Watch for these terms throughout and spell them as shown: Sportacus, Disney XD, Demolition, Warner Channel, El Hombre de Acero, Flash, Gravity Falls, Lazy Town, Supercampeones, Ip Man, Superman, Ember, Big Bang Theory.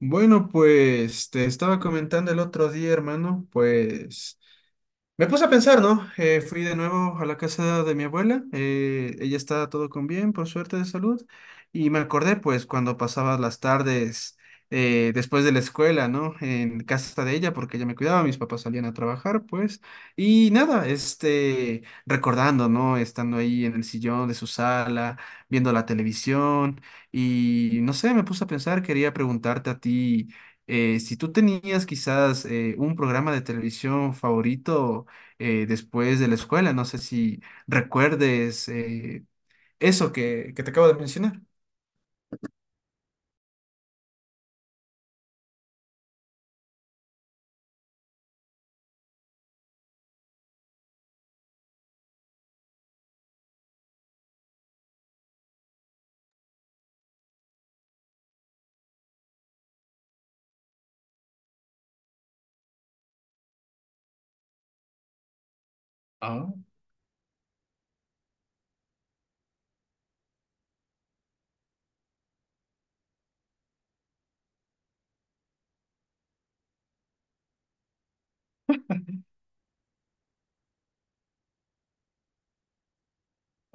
Bueno, pues te estaba comentando el otro día, hermano, pues me puse a pensar, ¿no? Fui de nuevo a la casa de mi abuela, ella está todo con bien, por suerte de salud, y me acordé pues cuando pasaba las tardes después de la escuela, ¿no? En casa de ella, porque ella me cuidaba, mis papás salían a trabajar, pues, y nada, recordando, ¿no? Estando ahí en el sillón de su sala, viendo la televisión, y no sé, me puse a pensar, quería preguntarte a ti. Si tú tenías quizás un programa de televisión favorito, después de la escuela. No sé si recuerdes eso que te acabo de mencionar.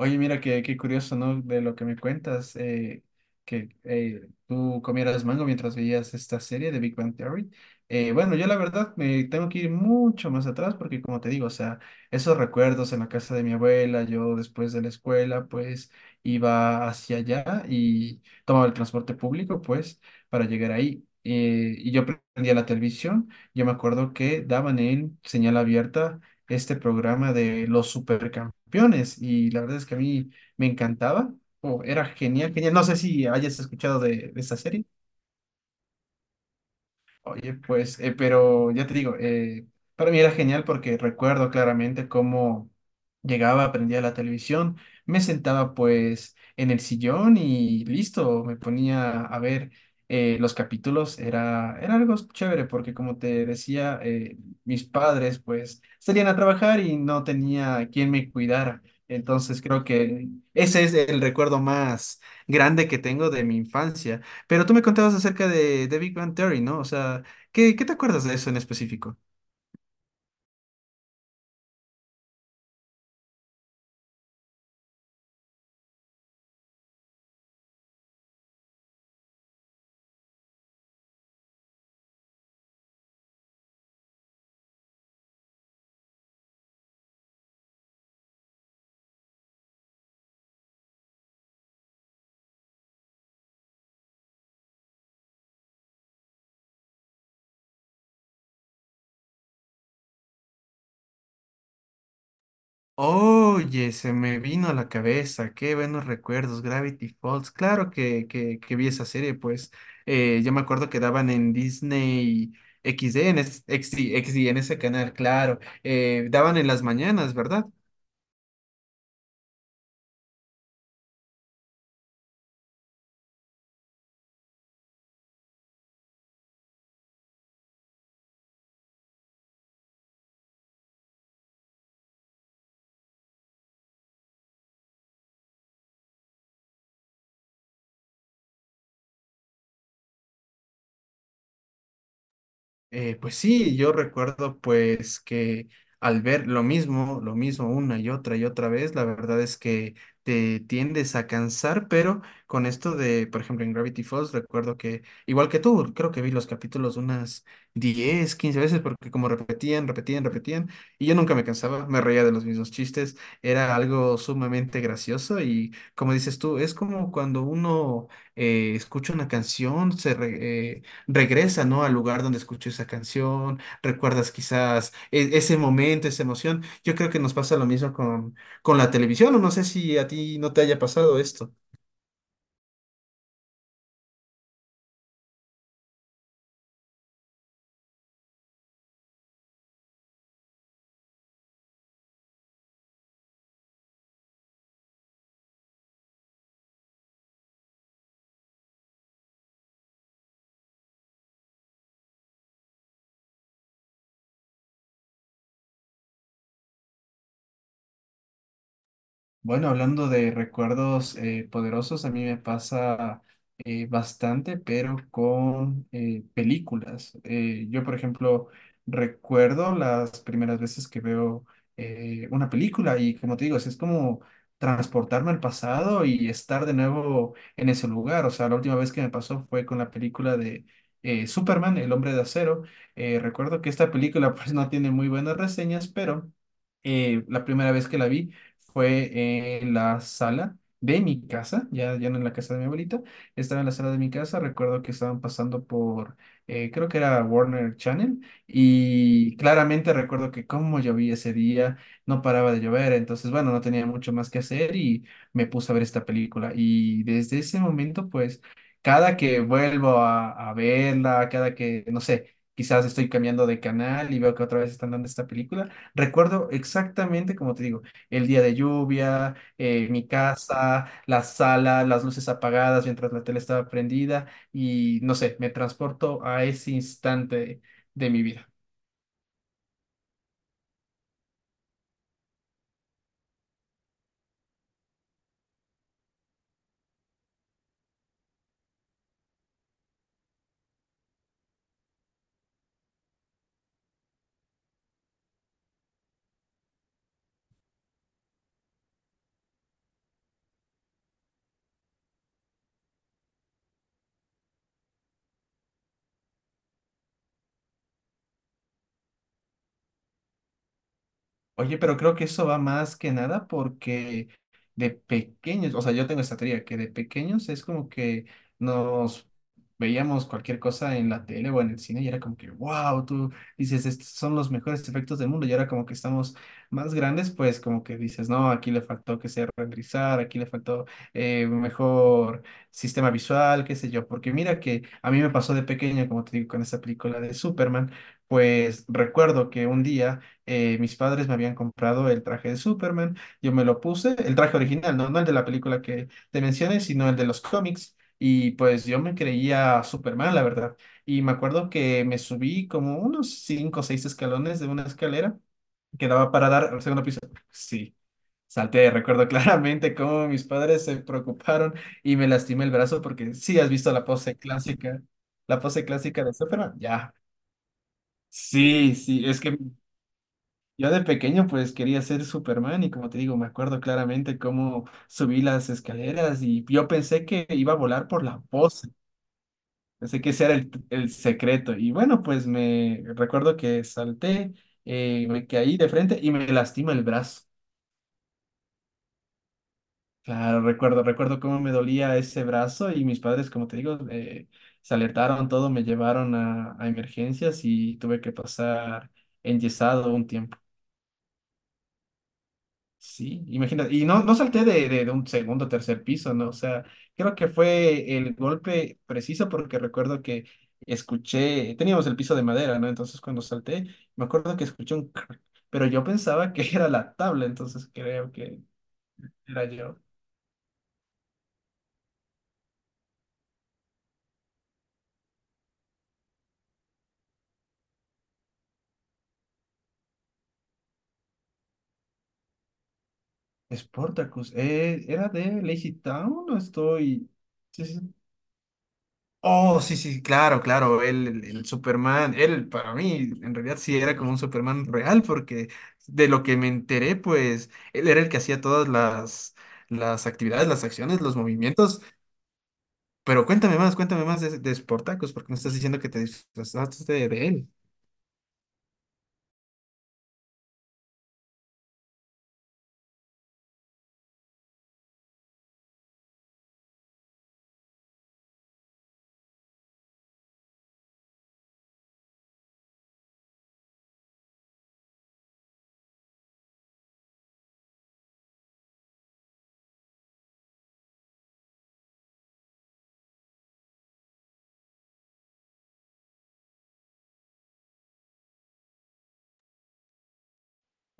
Oye, mira, qué curioso, ¿no? De lo que me cuentas, que tú comieras mango mientras veías esta serie de Big Bang Theory. Bueno, yo la verdad me tengo que ir mucho más atrás porque, como te digo, o sea, esos recuerdos en la casa de mi abuela, yo después de la escuela, pues iba hacia allá y tomaba el transporte público, pues, para llegar ahí. Y yo prendía la televisión. Yo me acuerdo que daban en señal abierta este programa de los supercampeones y la verdad es que a mí me encantaba, o era genial, genial. No sé si hayas escuchado de esta serie. Oye, pues, pero ya te digo, para mí era genial porque recuerdo claramente cómo llegaba, prendía la televisión, me sentaba pues en el sillón y listo, me ponía a ver los capítulos, era algo chévere porque como te decía, mis padres pues salían a trabajar y no tenía quien me cuidara. Entonces creo que ese es el recuerdo más grande que tengo de mi infancia, pero tú me contabas acerca de Big Bang Theory, ¿no? O sea, ¿qué te acuerdas de eso en específico? Oye, se me vino a la cabeza, qué buenos recuerdos, Gravity Falls, claro que vi esa serie, pues yo me acuerdo que daban en Disney XD, en, en ese canal, claro, daban en las mañanas, ¿verdad? Pues sí, yo recuerdo pues que al ver lo mismo una y otra vez, la verdad es que te tiendes a cansar, pero con esto de, por ejemplo, en Gravity Falls, recuerdo que, igual que tú, creo que vi los capítulos unas 10 15 veces, porque como repetían, repetían, repetían, y yo nunca me cansaba, me reía de los mismos chistes, era algo sumamente gracioso y como dices tú, es como cuando uno escucha una canción, regresa, ¿no? Al lugar donde escuchó esa canción, recuerdas quizás ese momento, esa emoción. Yo creo que nos pasa lo mismo con la televisión, o no sé si a ti no te haya pasado esto. Bueno, hablando de recuerdos poderosos, a mí me pasa bastante, pero con películas. Yo, por ejemplo, recuerdo las primeras veces que veo una película y, como te digo, es como transportarme al pasado y estar de nuevo en ese lugar. O sea, la última vez que me pasó fue con la película de Superman, El Hombre de Acero. Recuerdo que esta película pues no tiene muy buenas reseñas, pero la primera vez que la vi fue en la sala de mi casa, ya, ya no en la casa de mi abuelita, estaba en la sala de mi casa, recuerdo que estaban pasando por, creo que era Warner Channel, y claramente recuerdo que como llovía ese día, no paraba de llover, entonces bueno, no tenía mucho más que hacer y me puse a ver esta película, y desde ese momento, pues, cada que vuelvo a verla, cada que, no sé, quizás estoy cambiando de canal y veo que otra vez están dando esta película, recuerdo exactamente, como te digo, el día de lluvia, mi casa, la sala, las luces apagadas mientras la tele estaba prendida y no sé, me transporto a ese instante de mi vida. Oye, pero creo que eso va más que nada porque de pequeños, o sea, yo tengo esta teoría que de pequeños es como que nos veíamos cualquier cosa en la tele o en el cine y era como que, wow, tú dices, estos son los mejores efectos del mundo y ahora como que estamos más grandes, pues como que dices, no, aquí le faltó que sea renderizar, aquí le faltó un mejor sistema visual, qué sé yo, porque mira que a mí me pasó de pequeño, como te digo, con esta película de Superman, pues recuerdo que un día mis padres me habían comprado el traje de Superman, yo me lo puse, el traje original, ¿no? No el de la película que te mencioné, sino el de los cómics, y pues yo me creía Superman, la verdad. Y me acuerdo que me subí como unos cinco o seis escalones de una escalera que daba para dar al segundo piso. Sí. Salté, recuerdo claramente cómo mis padres se preocuparon y me lastimé el brazo porque sí has visto la pose clásica de Superman, ya. Sí, sí, es que yo de pequeño pues quería ser Superman y como te digo, me acuerdo claramente cómo subí las escaleras y yo pensé que iba a volar por la pose, pensé que ese era el secreto y bueno pues me recuerdo que salté, me caí de frente y me lastima el brazo. Claro, recuerdo, recuerdo cómo me dolía ese brazo y mis padres como te digo se alertaron todo, me llevaron a emergencias y tuve que pasar enyesado un tiempo. Sí, imagínate. Y no, no salté de un segundo o tercer piso, ¿no? O sea, creo que fue el golpe preciso porque recuerdo que escuché, teníamos el piso de madera, ¿no? Entonces cuando salté, me acuerdo que escuché un crack, pero yo pensaba que era la tabla, entonces creo que era yo. Sportacus, ¿era de Lazy Town o estoy...? Sí, sí. Oh, sí, sí, claro, claro, él, el Superman, él para mí en realidad sí era como un Superman real porque de lo que me enteré, pues él era el que hacía todas las actividades, las acciones, los movimientos, pero cuéntame más de Sportacus, porque me estás diciendo que te disfrazaste de él.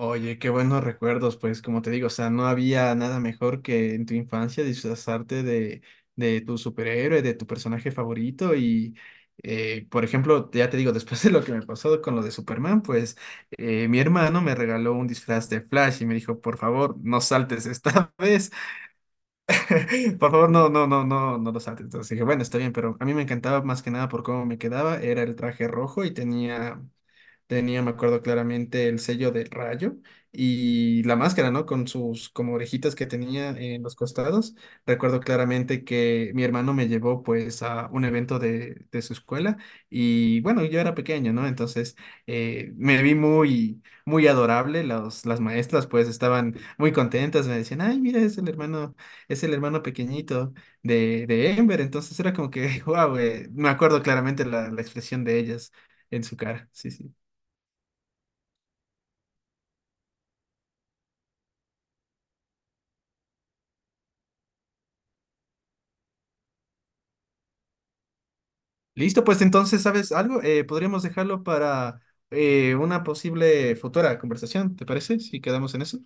Oye, qué buenos recuerdos, pues como te digo, o sea, no había nada mejor que en tu infancia disfrazarte de tu superhéroe, de tu personaje favorito y, por ejemplo, ya te digo, después de lo que me pasó con lo de Superman, pues mi hermano me regaló un disfraz de Flash y me dijo, por favor, no saltes esta vez, por favor, no, no, no, no, no lo saltes. Entonces dije, bueno, está bien, pero a mí me encantaba más que nada por cómo me quedaba, era el traje rojo y tenía... Tenía, me acuerdo claramente, el sello del rayo y la máscara, ¿no? Con sus como orejitas que tenía en los costados. Recuerdo claramente que mi hermano me llevó pues a un evento de su escuela y bueno, yo era pequeño, ¿no? Entonces me vi muy, muy adorable. Las maestras pues estaban muy contentas, me decían, ay, mira, es el hermano pequeñito de Ember. Entonces era como que, wow, me acuerdo claramente la expresión de ellas en su cara. Sí, sí. Listo, pues entonces, ¿sabes algo? Podríamos dejarlo para una posible futura conversación, ¿te parece? Si quedamos en eso.